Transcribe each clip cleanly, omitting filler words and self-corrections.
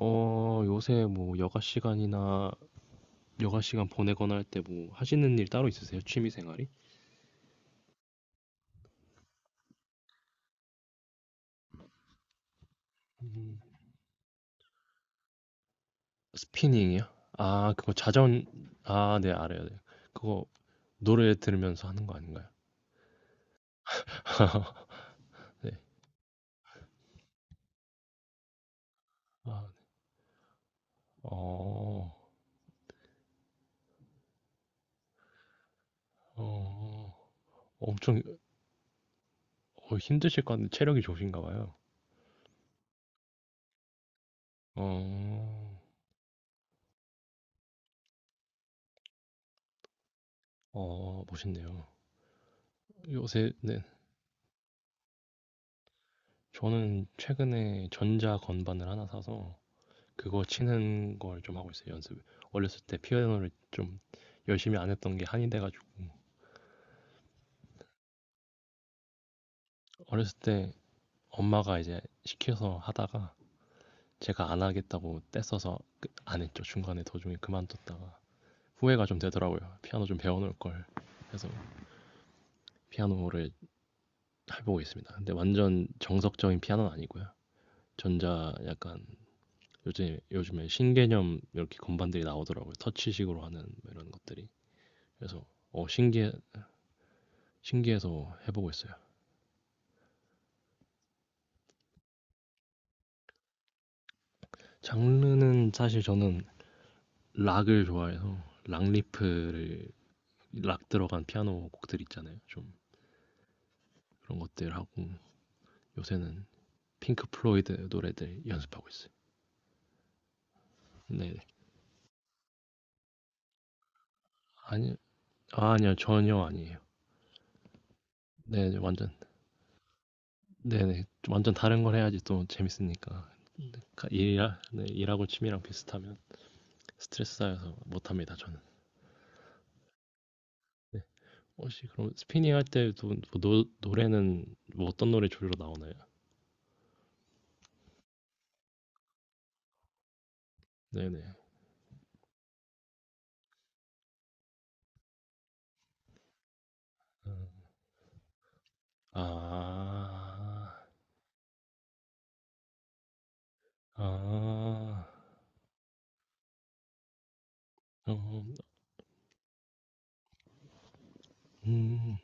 요새 뭐 여가 시간 보내거나 할 때 뭐 하시는 일 따로 있으세요? 취미 생활이? 음, 스피닝이요? 아, 그거 자전 아, 네, 알아요. 네. 그거 노래 들으면서 하는 거 아닌가요? 네. 아, 네. 어, 어, 엄청 힘드실 것 같은데 체력이 좋으신가 봐요. 어, 멋있네요. 요새 네. 저는 최근에 전자 건반을 하나 사서 그거 치는 걸 좀 하고 있어요, 연습. 어렸을 때 피아노를 좀 열심히 안 했던 게 한이 돼가지고 어렸을 때 엄마가 이제 시켜서 하다가 제가 안 하겠다고 떼써서 안 했죠. 중간에 도중에 그만뒀다가 후회가 좀 되더라고요. 피아노 좀 배워놓을 걸. 그래서 피아노를 해보고 있습니다. 근데 완전 정석적인 피아노는 아니고요. 전자 약간, 요즘에 신개념 이렇게 건반들이 나오더라고요. 터치식으로 하는 뭐 이런 것들이. 그래서 어 신기해 신기해서 해보고 있어요. 장르는 사실 저는 락을 좋아해서, 락 리프를 락 들어간 피아노 곡들 있잖아요. 좀 그런 것들 하고 요새는 핑크 플로이드 노래들 연습하고 있어요. 네, 아니 아, 아니요, 전혀 아니에요. 네, 네, 완전 네네, 좀 완전 다른 걸 해야지 또 재밌으니까. 그러니까 일하 네, 일하고 취미랑 비슷하면 스트레스 쌓여서 못합니다, 저는. 네, 혹시 그럼 스피닝 할 때도 뭐 노래는 뭐 어떤 노래 주로 나오나요? 네네. 음. 아. 아. 어. 음.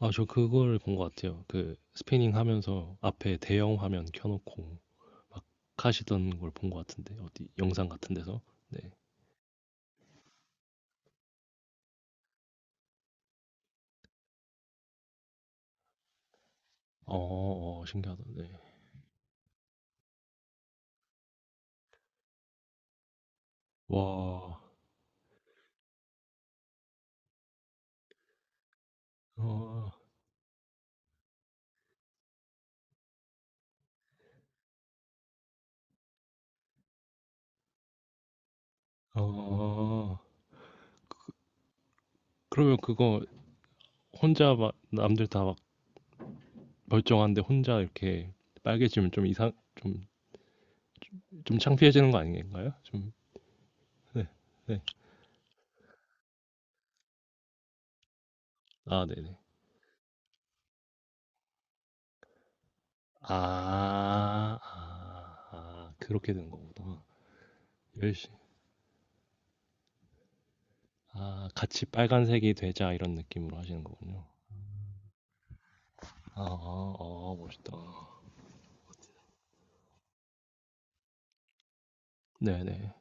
아, 저 그걸 본 것 같아요. 그 스피닝 하면서 앞에 대형 화면 켜 놓고 막 하시던 걸 본 것 같은데, 어디 영상 같은 데서. 네. 어. 신기하다. 네. 와. 어. 어. 그러면 그거 혼자 막, 남들 다 막 멀쩡한데 혼자 이렇게 빨개지면 좀 이상 좀 좀 창피해지는 거 아닌가요? 좀. 네. 네. 아, 네네. 아. 아. 아, 그렇게 되는 거구나. 열시 아, 같이 빨간색이 되자 이런 느낌으로 하시는 거군요. 아. 아, 멋있다. 네네.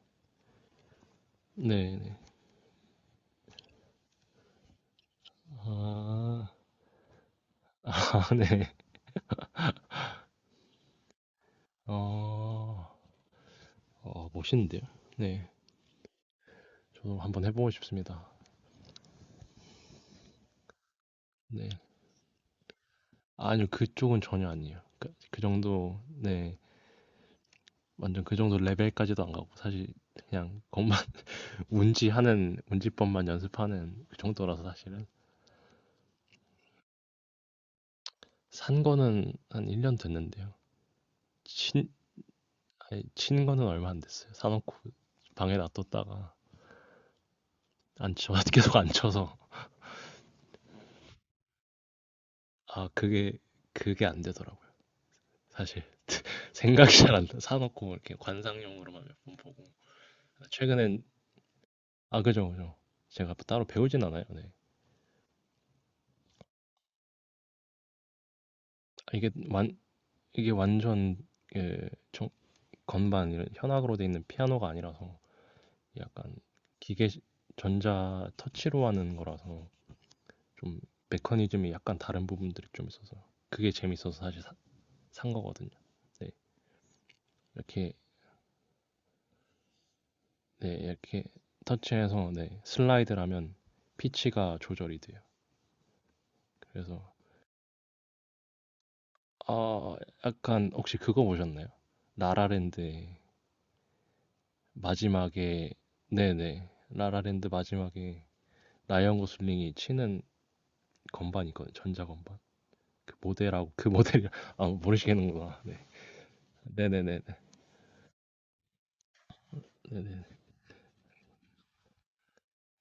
네네. 아. 아, 네. 어. 멋있는데요. 네. 저도 한번 해 보고 싶습니다. 네. 아니요. 그쪽은 전혀 아니에요. 그 정도. 네. 완전 그 정도 레벨까지도 안 가고, 사실 그냥 건만 운지법만 연습하는 그 정도라서 사실은, 산 거는 한 1년 됐는데요. 친 아니, 친 거는 얼마 안 됐어요. 사 놓고 방에 놔뒀다가 안 쳐 계속 안 쳐서. 아, 그게 안 되더라고요 사실. 생각이 잘 안 나. 사 놓고 이렇게 관상용으로만 몇 번 보고. 최근엔 아, 그죠, 그죠. 제가 뭐 따로 배우진 않아요. 네. 아, 이게 완전, 그 정- 건반, 이런 현악으로 돼 있는 피아노가 아니라서 약간 기계 전자 터치로 하는 거라서, 좀 메커니즘이 약간 다른 부분들이 좀 있어서 그게 재밌어서 사실 산 거거든요. 네, 이렇게 네 이렇게 터치해서, 네, 슬라이드를 하면 피치가 조절이 돼요. 그래서 아 약간, 혹시 그거 보셨나요? 라라랜드 마지막에. 네네. 라라랜드 마지막에 라이언 고슬링이 치는 건반 있거든요. 전자 건반, 그 모델하고 그 모델이, 아, 모르시겠는구나. 네. 네네네. 네네.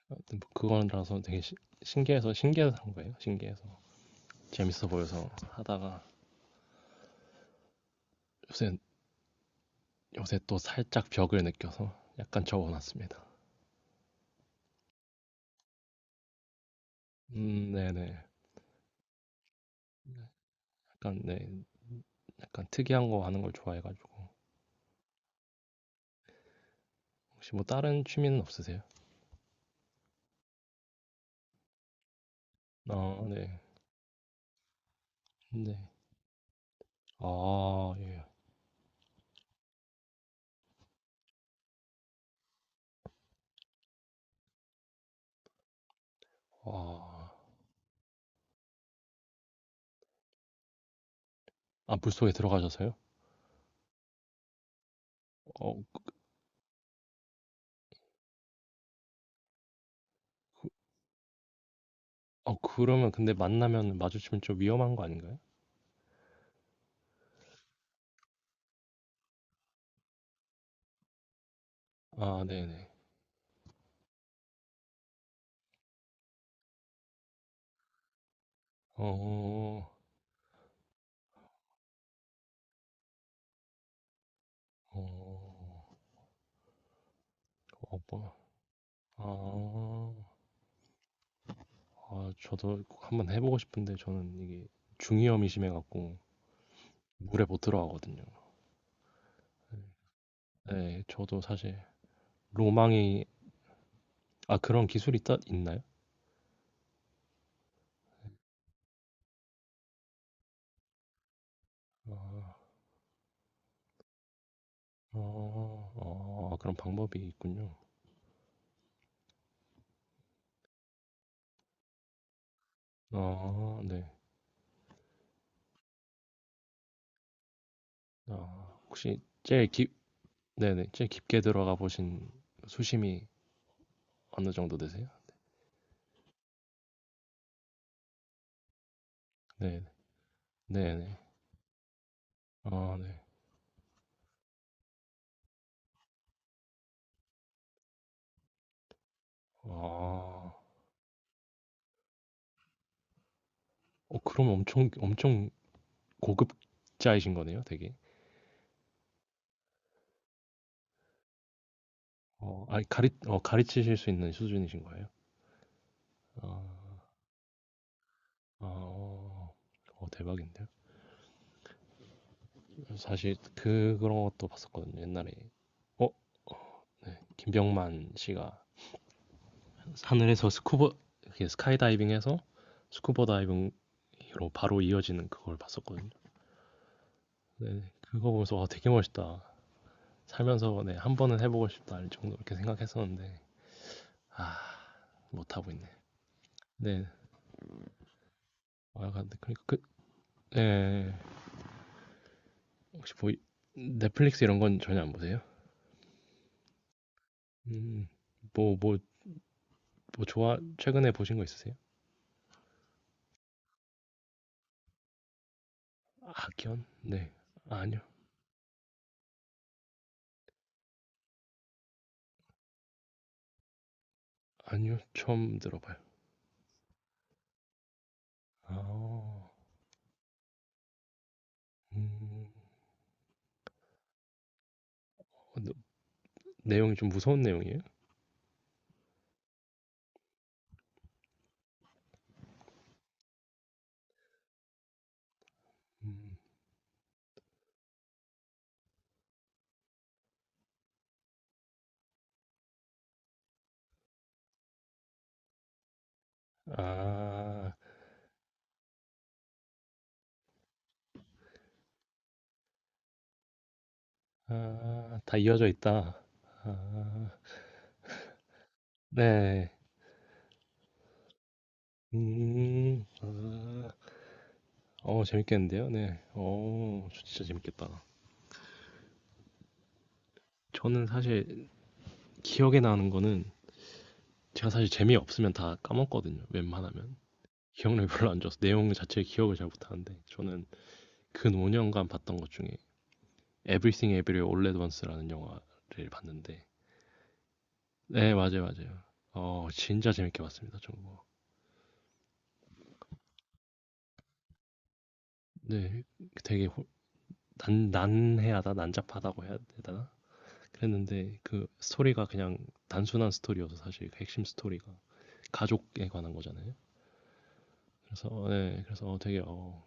하여튼 뭐 그거라서 되게 신기해서 한 거예요. 신기해서, 재밌어 보여서 하다가 요새, 또 살짝 벽을 느껴서 약간 접어놨습니다. 네네. 약간 네, 약간 특이한 거 하는 걸 좋아해가지고. 혹시 뭐 다른 취미는 없으세요? 아, 네, 네. 아, 예. 아, 아, 물속에 들어가셔서요? 어, 그러면 근데 만나면 마주치면 좀 위험한 거 아닌가요? 아, 네네. 어, 어, 어, 뭐, 아, 저도 꼭 한번 해보고 싶은데, 저는 이게 중이염이 심해갖고 물에 못 들어가거든요. 네, 네, 저도 사실 로망이. 아, 그런 기술이 있다 있나요? 아, 그런 방법이 있군요. 아, 네. 아, 혹시 네네, 제일 깊게 들어가 보신 수심이 어느 정도 되세요? 네, 네네. 아, 네. 아, 그럼 엄청 엄청 고급자이신 거네요, 되게. 아니, 가르치실 수 있는 수준이신 거예요? 아, 어, 대박인데요? 사실 그런 것도 봤었거든요, 옛날에. 어, 김병만 씨가 하늘에서 이렇게 스카이다이빙해서 스쿠버 다이빙으로 바로 이어지는 그걸 봤었거든요. 네, 그거 보면서 와, 되게 멋있다. 살면서, 네, 한 번은 해보고 싶다, 이 정도 이렇게 생각했었는데, 아, 못하고 있네. 네, 아, 근데 그러니까 네, 혹시 넷플릭스 이런 건 전혀 안 보세요? 음. 뭐, 뭐, 뭐 좋아 최근에 보신 거 있으세요? 악연? 네. 아니요. 아니요. 처음 들어봐요. 아. 음. 어, 너- 내용이 좀 무서운 내용이에요? 음. 아. 아, 다 이어져 있다. 아. 네. 음. 아. 재밌겠는데요? 네. 저 진짜 재밌겠다. 저는 사실 기억에 나는 거는, 제가 사실 재미없으면 다 까먹거든요, 웬만하면. 기억력이 별로 안 좋아서 내용 자체 기억을 잘 못하는데, 저는 근 5년간 봤던 것 중에 Everything Everywhere All at Once라는 영화를 봤는데, 네, 맞아요, 맞아요. 진짜 재밌게 봤습니다, 저거. 네, 되게 난해하다, 난잡하다고 해야 되나 그랬는데, 그 스토리가 그냥 단순한 스토리여서, 사실 그 핵심 스토리가 가족에 관한 거잖아요. 그래서, 네, 그래서 되게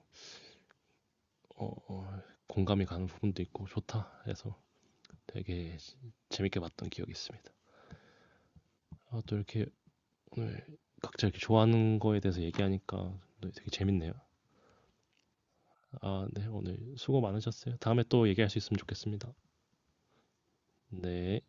어, 어, 공감이 가는 부분도 있고 좋다 해서 되게 재밌게 봤던 기억이 있습니다. 아, 또 이렇게 오늘 각자 이렇게 좋아하는 거에 대해서 얘기하니까 되게 재밌네요. 아, 네, 오늘 수고 많으셨어요. 다음에 또 얘기할 수 있으면 좋겠습니다. 네.